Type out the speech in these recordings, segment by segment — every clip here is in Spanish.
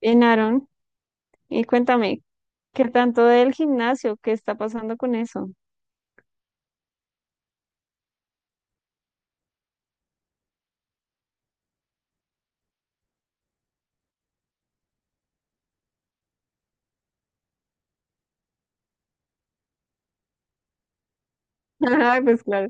Bien, Aaron, y cuéntame, ¿qué tanto del gimnasio? ¿Qué está pasando con eso? Ah, pues claro.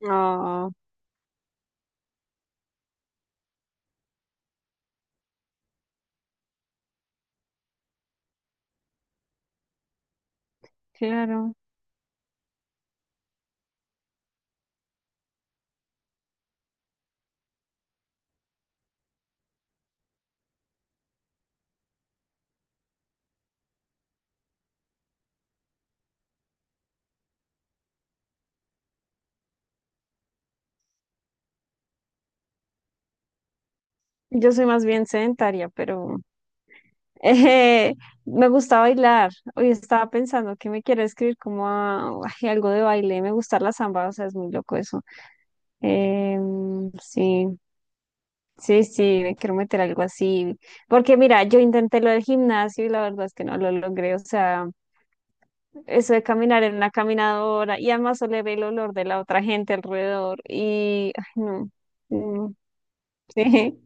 No claro. Yo soy más bien sedentaria, pero eh, me gusta bailar. Hoy estaba pensando que me quiero escribir como a, ay, algo de baile. Me gusta la samba, o sea, es muy loco eso. Sí, sí, sí, me quiero meter algo así. Porque mira, yo intenté lo del gimnasio y la verdad es que no lo logré. O sea, eso de caminar en una caminadora y además oler el olor de la otra gente alrededor y ay, no, no, sí,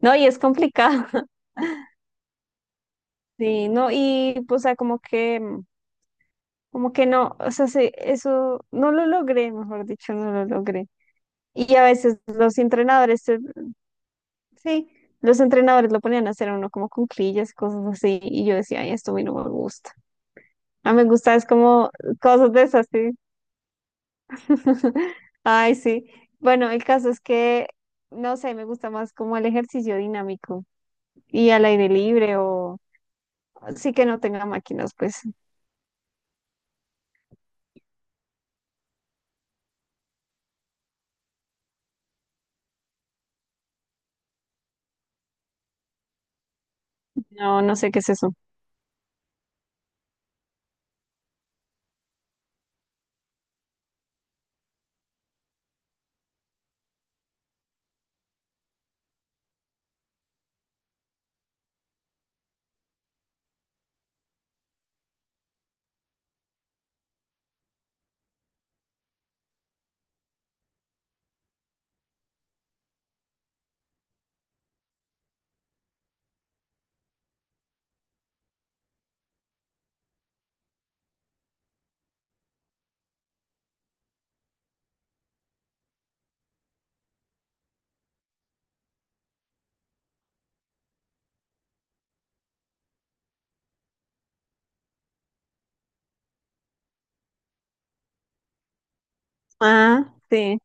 no, y es complicado. Sí, no, y pues, o sea, como que no, o sea, sí, eso no lo logré, mejor dicho, no lo logré. Y a veces los entrenadores, sí, los entrenadores lo ponían a hacer a uno como cuclillas, cosas así, y yo decía, ay, esto a mí no me gusta. A mí me gusta es como cosas de esas, sí. Ay, sí. Bueno, el caso es que, no sé, me gusta más como el ejercicio dinámico y al aire libre o sí que no tenga máquinas, pues. No, no sé qué es eso. Ah, sí,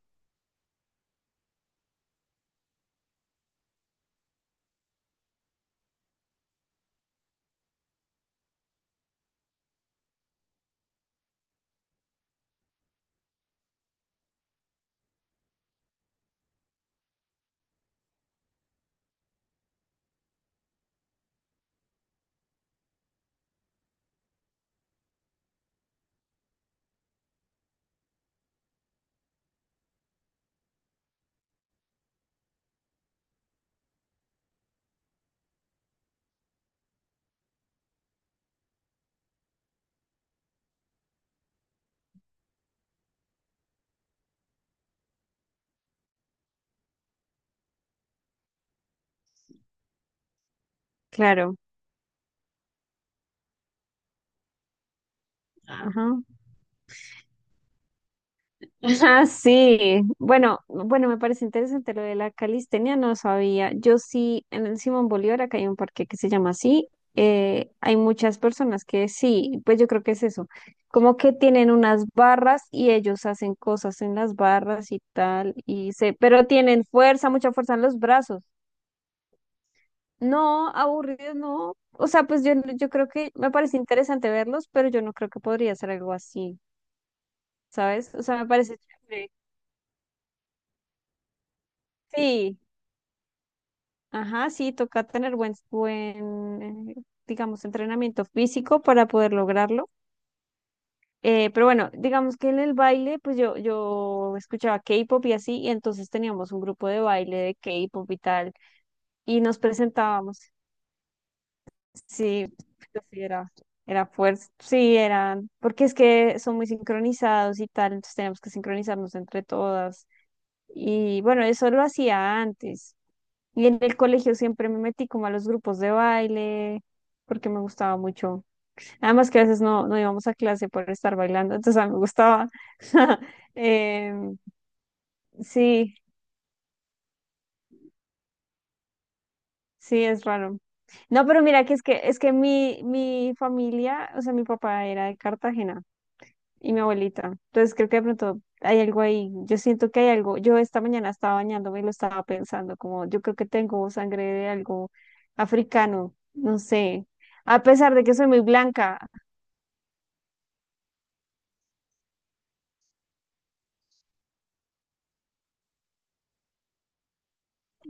claro. Ajá. Ah, sí. Bueno, bueno, me parece interesante lo de la calistenia, no sabía. Yo sí, en el Simón Bolívar, acá hay un parque que se llama así. Hay muchas personas que sí, pues yo creo que es eso. Como que tienen unas barras y ellos hacen cosas en las barras y tal, y se, pero tienen fuerza, mucha fuerza en los brazos. No, aburrido, no. O sea, pues yo, creo que me parece interesante verlos, pero yo no creo que podría hacer algo así, ¿sabes? O sea, me parece chévere. Sí. Ajá, sí, toca tener buen, eh, digamos, entrenamiento físico para poder lograrlo. Pero bueno, digamos que en el baile, pues yo, escuchaba K-pop y así, y entonces teníamos un grupo de baile de K-pop y tal, y nos presentábamos. Sí, pues sí, era, era fuerza, sí, eran, porque es que son muy sincronizados y tal, entonces teníamos que sincronizarnos entre todas. Y bueno, eso lo hacía antes. Y en el colegio siempre me metí como a los grupos de baile, porque me gustaba mucho. Además que a veces no, no íbamos a clase por estar bailando, entonces a mí me gustaba. Em, sí, sí, es raro. No, pero mira que es que mi familia, o sea, mi papá era de Cartagena. Y mi abuelita. Entonces creo que de pronto hay algo ahí. Yo siento que hay algo. Yo esta mañana estaba bañándome y lo estaba pensando, como yo creo que tengo sangre de algo africano, no sé. A pesar de que soy muy blanca.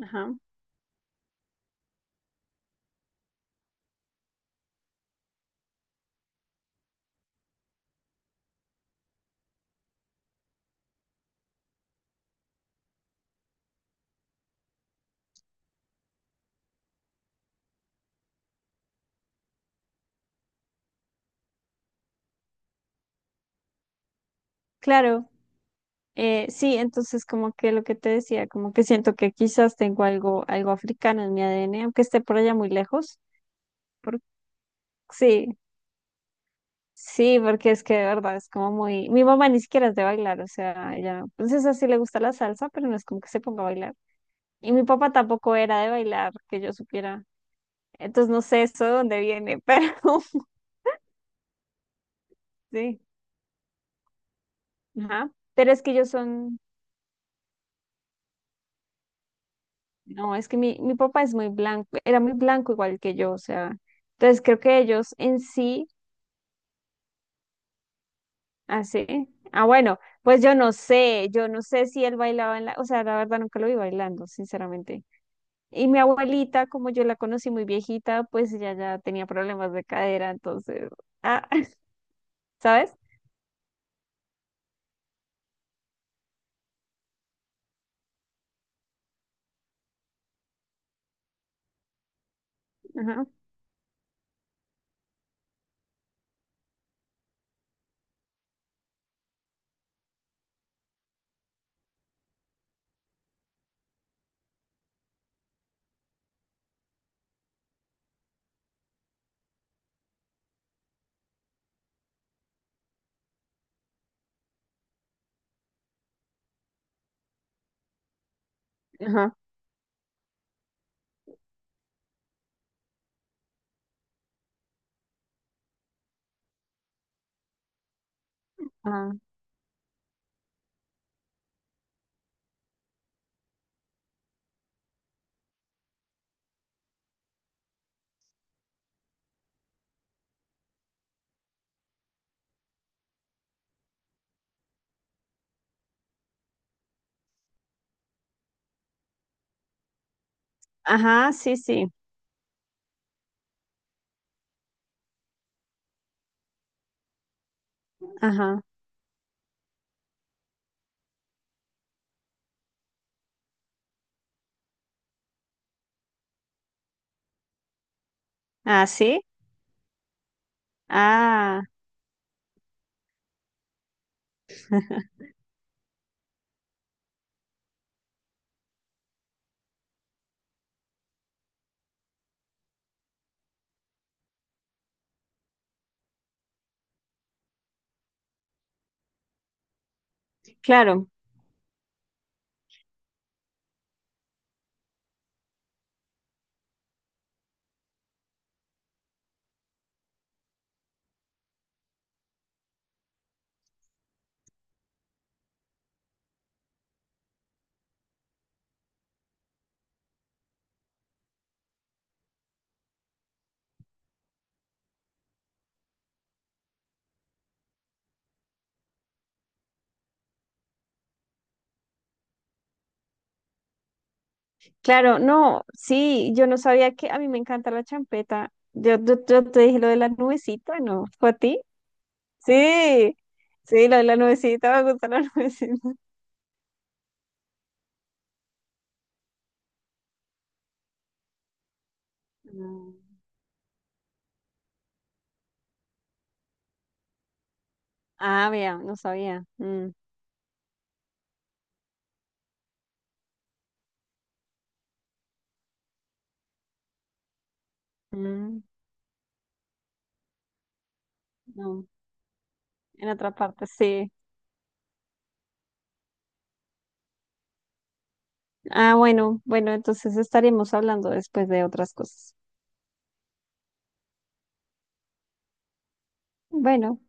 Ajá. Claro. Sí, entonces como que lo que te decía, como que siento que quizás tengo algo, algo africano en mi ADN, aunque esté por allá muy lejos. Por- sí, sí, porque es que de verdad es como muy... Mi mamá ni siquiera es de bailar, o sea, ella, pues esa sí le gusta la salsa, pero no es como que se ponga a bailar. Y mi papá tampoco era de bailar, que yo supiera. Entonces no sé eso de dónde viene, pero sí. Ajá. Pero es que ellos son, no, es que mi papá es muy blanco, era muy blanco igual que yo, o sea. Entonces creo que ellos en sí, así. Ah, bueno, pues yo no sé si él bailaba en la, o sea, la verdad nunca lo vi bailando, sinceramente. Y mi abuelita, como yo la conocí muy viejita, pues ella ya tenía problemas de cadera, entonces, ah, ¿sabes? Ajá, ajá, ajá, ajá, sí, sí. Ajá. Ah, sí. Ah, claro, claro. No, sí, yo no sabía que a mí me encanta la champeta. Yo, te dije lo de la nubecita, ¿no? ¿Fue a ti? Sí, sí, lo de la nubecita, me gusta la nubecita. Mm. Ah, vea, no sabía. Mm, mm, no, en otra parte, sí. Ah, bueno, bueno, entonces estaremos hablando después de otras cosas. Bueno.